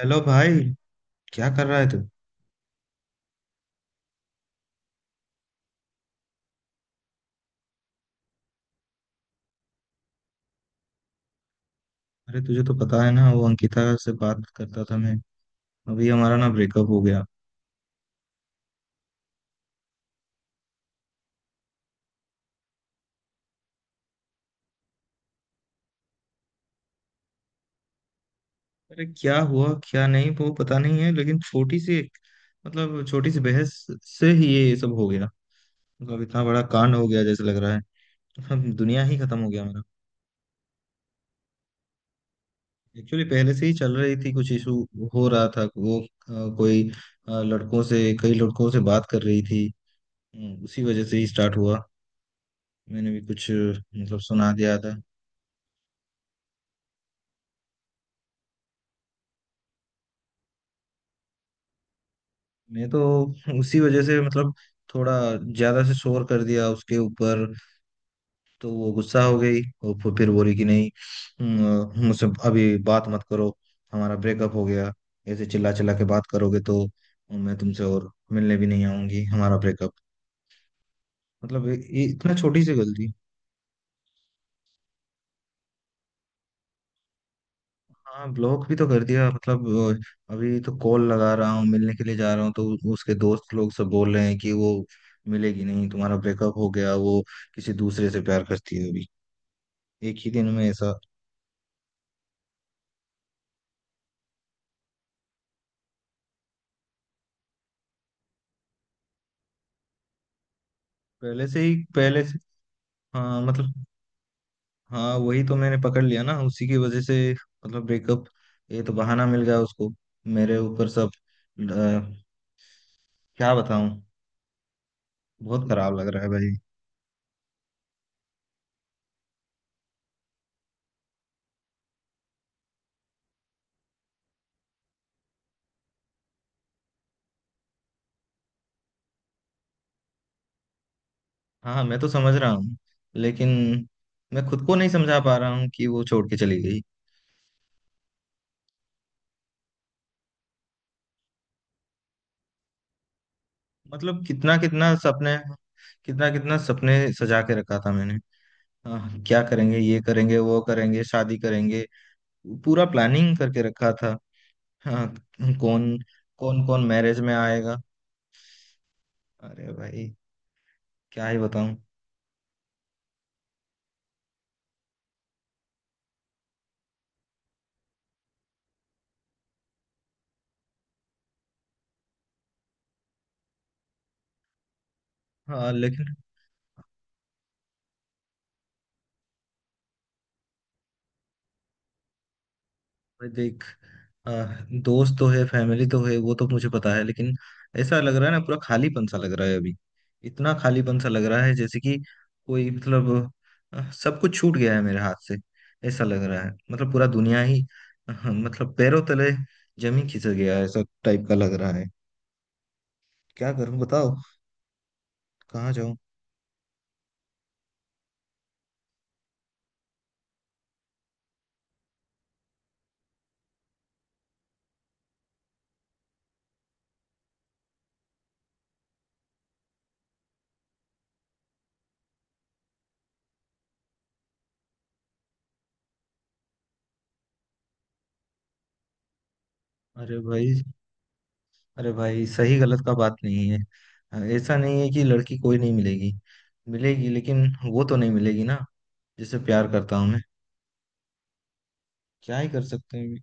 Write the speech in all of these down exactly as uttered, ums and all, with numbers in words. Hello भाई। क्या कर रहा है तू? अरे तुझे तो पता है ना, वो अंकिता से बात करता था मैं। अभी हमारा ना ब्रेकअप हो गया। अरे क्या हुआ क्या नहीं वो पता नहीं है, लेकिन छोटी सी एक मतलब छोटी सी बहस से ही ये सब हो गया। मतलब इतना बड़ा कांड हो गया जैसे लग रहा है अब दुनिया ही खत्म हो गया मेरा। एक्चुअली पहले से ही चल रही थी कुछ इशू हो रहा था। वो अ, कोई अ, लड़कों से कई लड़कों से बात कर रही थी। उम, उसी वजह से ही स्टार्ट हुआ। मैंने भी कुछ अ, मतलब सुना दिया था। मैं तो उसी वजह से मतलब थोड़ा ज्यादा से शोर कर दिया उसके ऊपर। तो वो गुस्सा हो गई और फिर फिर बोली कि नहीं, हम्म, मुझसे अभी बात मत करो, हमारा ब्रेकअप हो गया, ऐसे चिल्ला चिल्ला के बात करोगे तो मैं तुमसे और मिलने भी नहीं आऊंगी, हमारा ब्रेकअप। मतलब ये ये इतना छोटी सी गलती। हाँ ब्लॉक भी तो कर दिया मतलब। अ, अभी तो कॉल लगा रहा हूँ, मिलने के लिए जा रहा हूँ तो उसके दोस्त लोग सब बोल रहे हैं कि वो मिलेगी नहीं, तुम्हारा ब्रेकअप हो गया, वो किसी दूसरे से प्यार करती है अभी। एक ही दिन में ऐसा? पहले से ही पहले से। हाँ मतलब, हाँ वही तो मैंने पकड़ लिया ना, उसी की वजह से मतलब ब्रेकअप। ये तो बहाना मिल गया उसको, मेरे ऊपर सब। अ, क्या बताऊं। बहुत खराब लग रहा है भाई। हाँ हाँ, मैं तो समझ रहा हूँ, लेकिन मैं खुद को नहीं समझा पा रहा हूँ कि वो छोड़ के चली गई। मतलब कितना कितना सपने कितना कितना सपने सजा के रखा था मैंने। हाँ, क्या करेंगे, ये करेंगे वो करेंगे, शादी करेंगे, पूरा प्लानिंग करके रखा था। हाँ तो कौन कौन कौन मैरिज में आएगा? अरे भाई क्या ही बताऊं। हाँ लेकिन, भाई देख। आ, दोस्त तो है, फैमिली तो है, वो तो मुझे पता है, लेकिन ऐसा लग रहा है ना, पूरा खालीपन सा लग रहा है अभी, इतना खालीपन सा लग रहा है जैसे कि कोई मतलब। आ, सब कुछ छूट गया है मेरे हाथ से, ऐसा लग रहा है। मतलब पूरा दुनिया ही, हाँ, मतलब पैरों तले जमीन खिसक गया है, ऐसा टाइप का लग रहा है। क्या करूं बताओ? कहाँ जाऊं? अरे भाई अरे भाई सही गलत का बात नहीं है। अ, ऐसा नहीं है कि लड़की कोई नहीं मिलेगी, मिलेगी, लेकिन वो तो नहीं मिलेगी ना, जिससे प्यार करता हूँ मैं। क्या ही कर सकते हैं।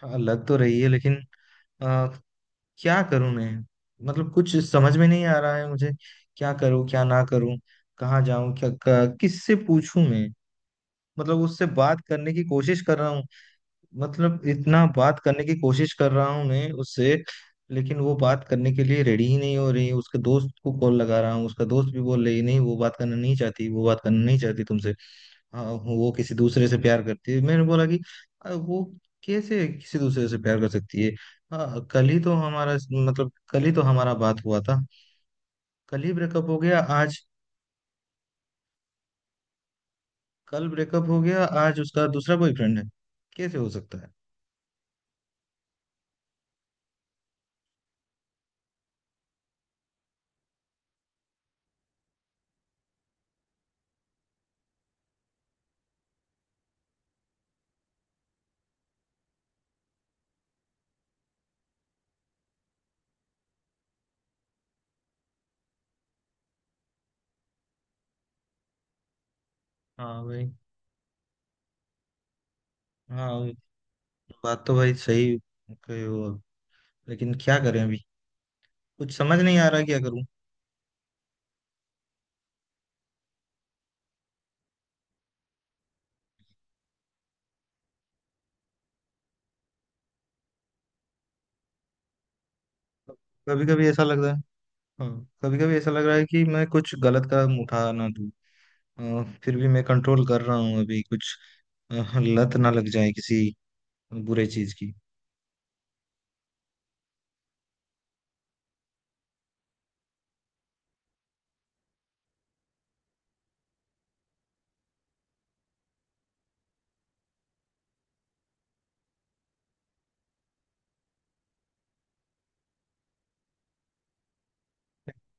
हाँ लग तो रही है, लेकिन अ, क्या करूँ मैं? मतलब कुछ समझ में नहीं आ रहा है मुझे, क्या करूँ, क्या ना करूँ, कहाँ जाऊँ, क्या क- किससे पूछूं मैं? मतलब उससे बात करने की कोशिश कर रहा हूँ, मतलब इतना बात करने की कोशिश कर रहा हूँ मैं उससे, लेकिन वो बात करने के लिए रेडी ही नहीं हो रही। उसके दोस्त को कॉल लगा रहा हूँ, उसका दोस्त भी बोल रही है, नहीं वो बात करना नहीं चाहती, वो बात करना नहीं चाहती तुमसे। हाँ वो किसी दूसरे से प्यार करती है। मैंने बोला कि, "अ, वो कैसे किसी दूसरे से प्यार कर सकती है? हाँ कल ही तो हमारा मतलब कल ही तो हमारा बात हुआ था। कल ही ब्रेकअप हो गया आज कल ब्रेकअप हो गया आज उसका दूसरा बॉयफ्रेंड है, कैसे हो सकता है? हाँ भाई। हाँ, बात तो भाई सही कहे हो आप। लेकिन क्या करें अभी? कुछ समझ नहीं आ रहा क्या करूं। कभी कभी ऐसा लग रहा है हाँ, कभी कभी ऐसा लग रहा है कि मैं कुछ गलत कदम उठा ना दूं। अ, फिर भी मैं कंट्रोल कर रहा हूं अभी कुछ, अ, लत ना लग जाए किसी बुरे चीज की।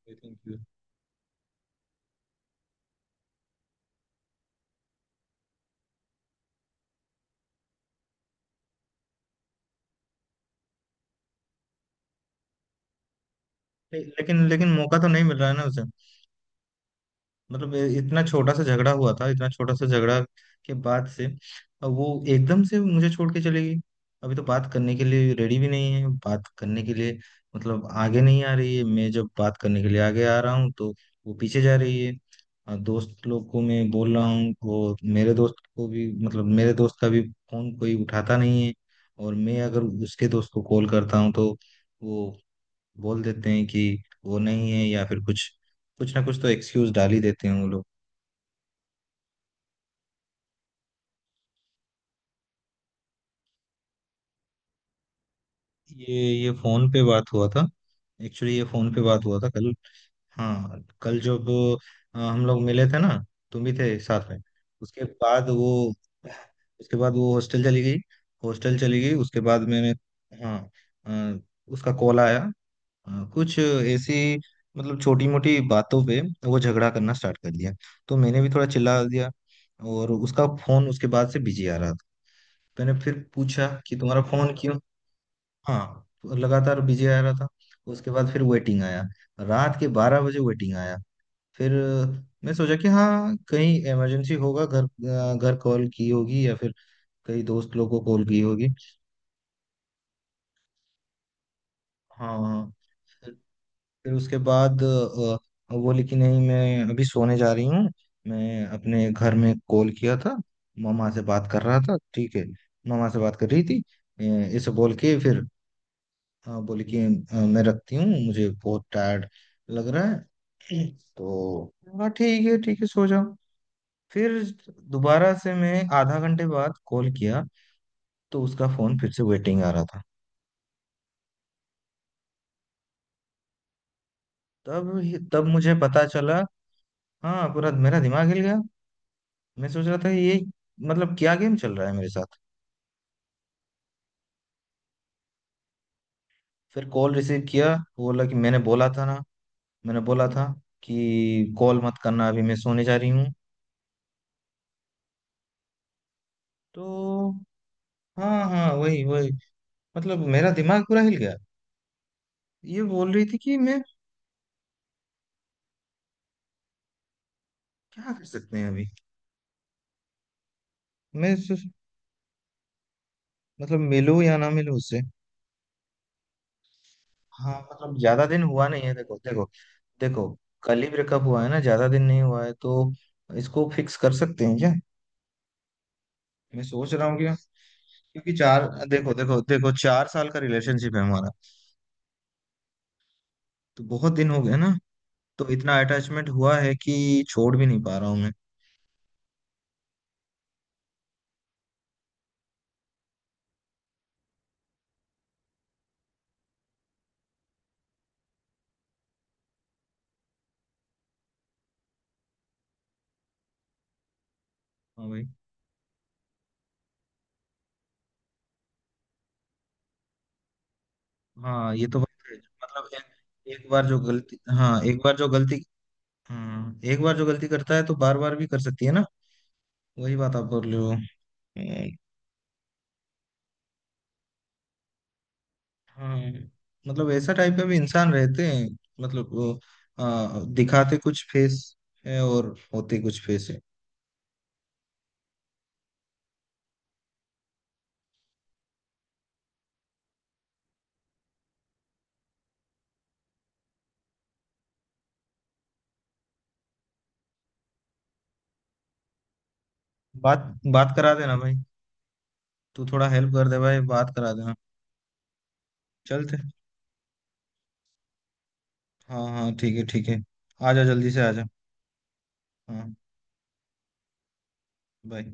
लेकिन लेकिन लेकिन मौका तो नहीं मिल रहा है ना उसे। मतलब ये इतना छोटा सा झगड़ा हुआ था, इतना छोटा सा झगड़ा के बाद से अब वो एकदम से मुझे छोड़ के चली गई। अभी तो बात करने के लिए रेडी भी नहीं है बात करने के लिए। मतलब आगे नहीं आ रही है, मैं जब बात करने के लिए आगे आ रहा हूँ तो वो पीछे जा रही है। और दोस्त लोग को मैं बोल रहा हूँ, वो मेरे दोस्त को भी मतलब मेरे दोस्त का भी फोन कोई उठाता नहीं है। और मैं अगर उसके दोस्त को कॉल करता हूँ तो वो बोल देते हैं कि वो नहीं है या फिर कुछ कुछ ना कुछ तो एक्सक्यूज डाल ही देते हैं वो लोग। ये ये फोन पे बात हुआ था। एक्चुअली ये फोन पे बात हुआ था कल। हाँ कल जब अ, हम लोग मिले थे ना, तुम भी थे साथ में। उसके बाद वो उसके बाद वो हॉस्टल चली गई। हॉस्टल चली गई उसके बाद मैंने, हाँ, अ, उसका कॉल आया। हाँ, कुछ ऐसी मतलब छोटी मोटी बातों पे वो झगड़ा करना स्टार्ट कर दिया, तो मैंने भी थोड़ा चिल्ला दिया। और उसका फोन उसके बाद से बिजी आ रहा था, तो मैंने फिर पूछा कि तुम्हारा फोन क्यों। हाँ लगातार बिजी आ रहा था। उसके बाद फिर वेटिंग आया, रात के बारह बजे वेटिंग आया। फिर अ, मैं सोचा कि हाँ कहीं इमरजेंसी होगा, घर अ, घर कॉल की होगी या फिर कई दोस्त लोग को कॉल की होगी। हाँ फिर उसके बाद अ, वो लिखी नहीं, मैं अभी सोने जा रही हूँ, मैं अपने घर में कॉल किया था, मामा से बात कर रहा था, ठीक है मामा से बात कर रही थी। अ, इसे बोल के फिर अ, बोली कि अ, मैं रखती हूँ, मुझे बहुत टायर्ड लग रहा है, तो। हाँ ठीक है ठीक है सो जाओ। फिर दोबारा से मैं आधा घंटे बाद कॉल किया, तो उसका फोन फिर से वेटिंग आ रहा था, तब तब मुझे पता चला। हाँ पूरा मेरा दिमाग हिल गया। मैं सोच रहा था ये, मतलब क्या गेम चल रहा है मेरे साथ। फिर कॉल रिसीव किया, वो बोला कि मैंने बोला था ना मैंने बोला था कि कॉल मत करना, अभी मैं सोने जा रही हूँ, तो। हाँ हाँ, वही वही। मतलब मेरा दिमाग पूरा हिल गया, ये बोल रही थी कि मैं। क्या कर सकते हैं अभी? मैं सो- मतलब मिलूं या ना मिलूं उससे। हाँ मतलब ज्यादा दिन हुआ नहीं है, देखो देखो देखो, कल ही ब्रेकअप हुआ है ना, ज्यादा दिन नहीं हुआ है, तो इसको फिक्स कर सकते हैं क्या? मैं सोच रहा हूँ, क्या, क्योंकि चार, देखो देखो देखो, चार साल का रिलेशनशिप है हमारा, तो बहुत दिन हो गए ना, तो इतना अटैचमेंट हुआ है कि छोड़ भी नहीं पा रहा हूँ मैं। हाँ भाई। हाँ, ये तो बात है। मतलब एक, एक बार जो गलती, हाँ, एक बार जो गलती, हाँ, एक बार जो गलती करता है तो बार बार भी कर सकती है ना? वही बात आप बोल रहे हो। हम्म, हाँ, मतलब ऐसा टाइप का भी इंसान रहते हैं, मतलब वो, आ, दिखाते कुछ फेस है और होते कुछ फेस है। बात बात करा देना भाई, तू थोड़ा हेल्प कर दे भाई, बात करा देना। चलते। हाँ हाँ ठीक है ठीक है, आ जा जल्दी से आ जा। हाँ बाय।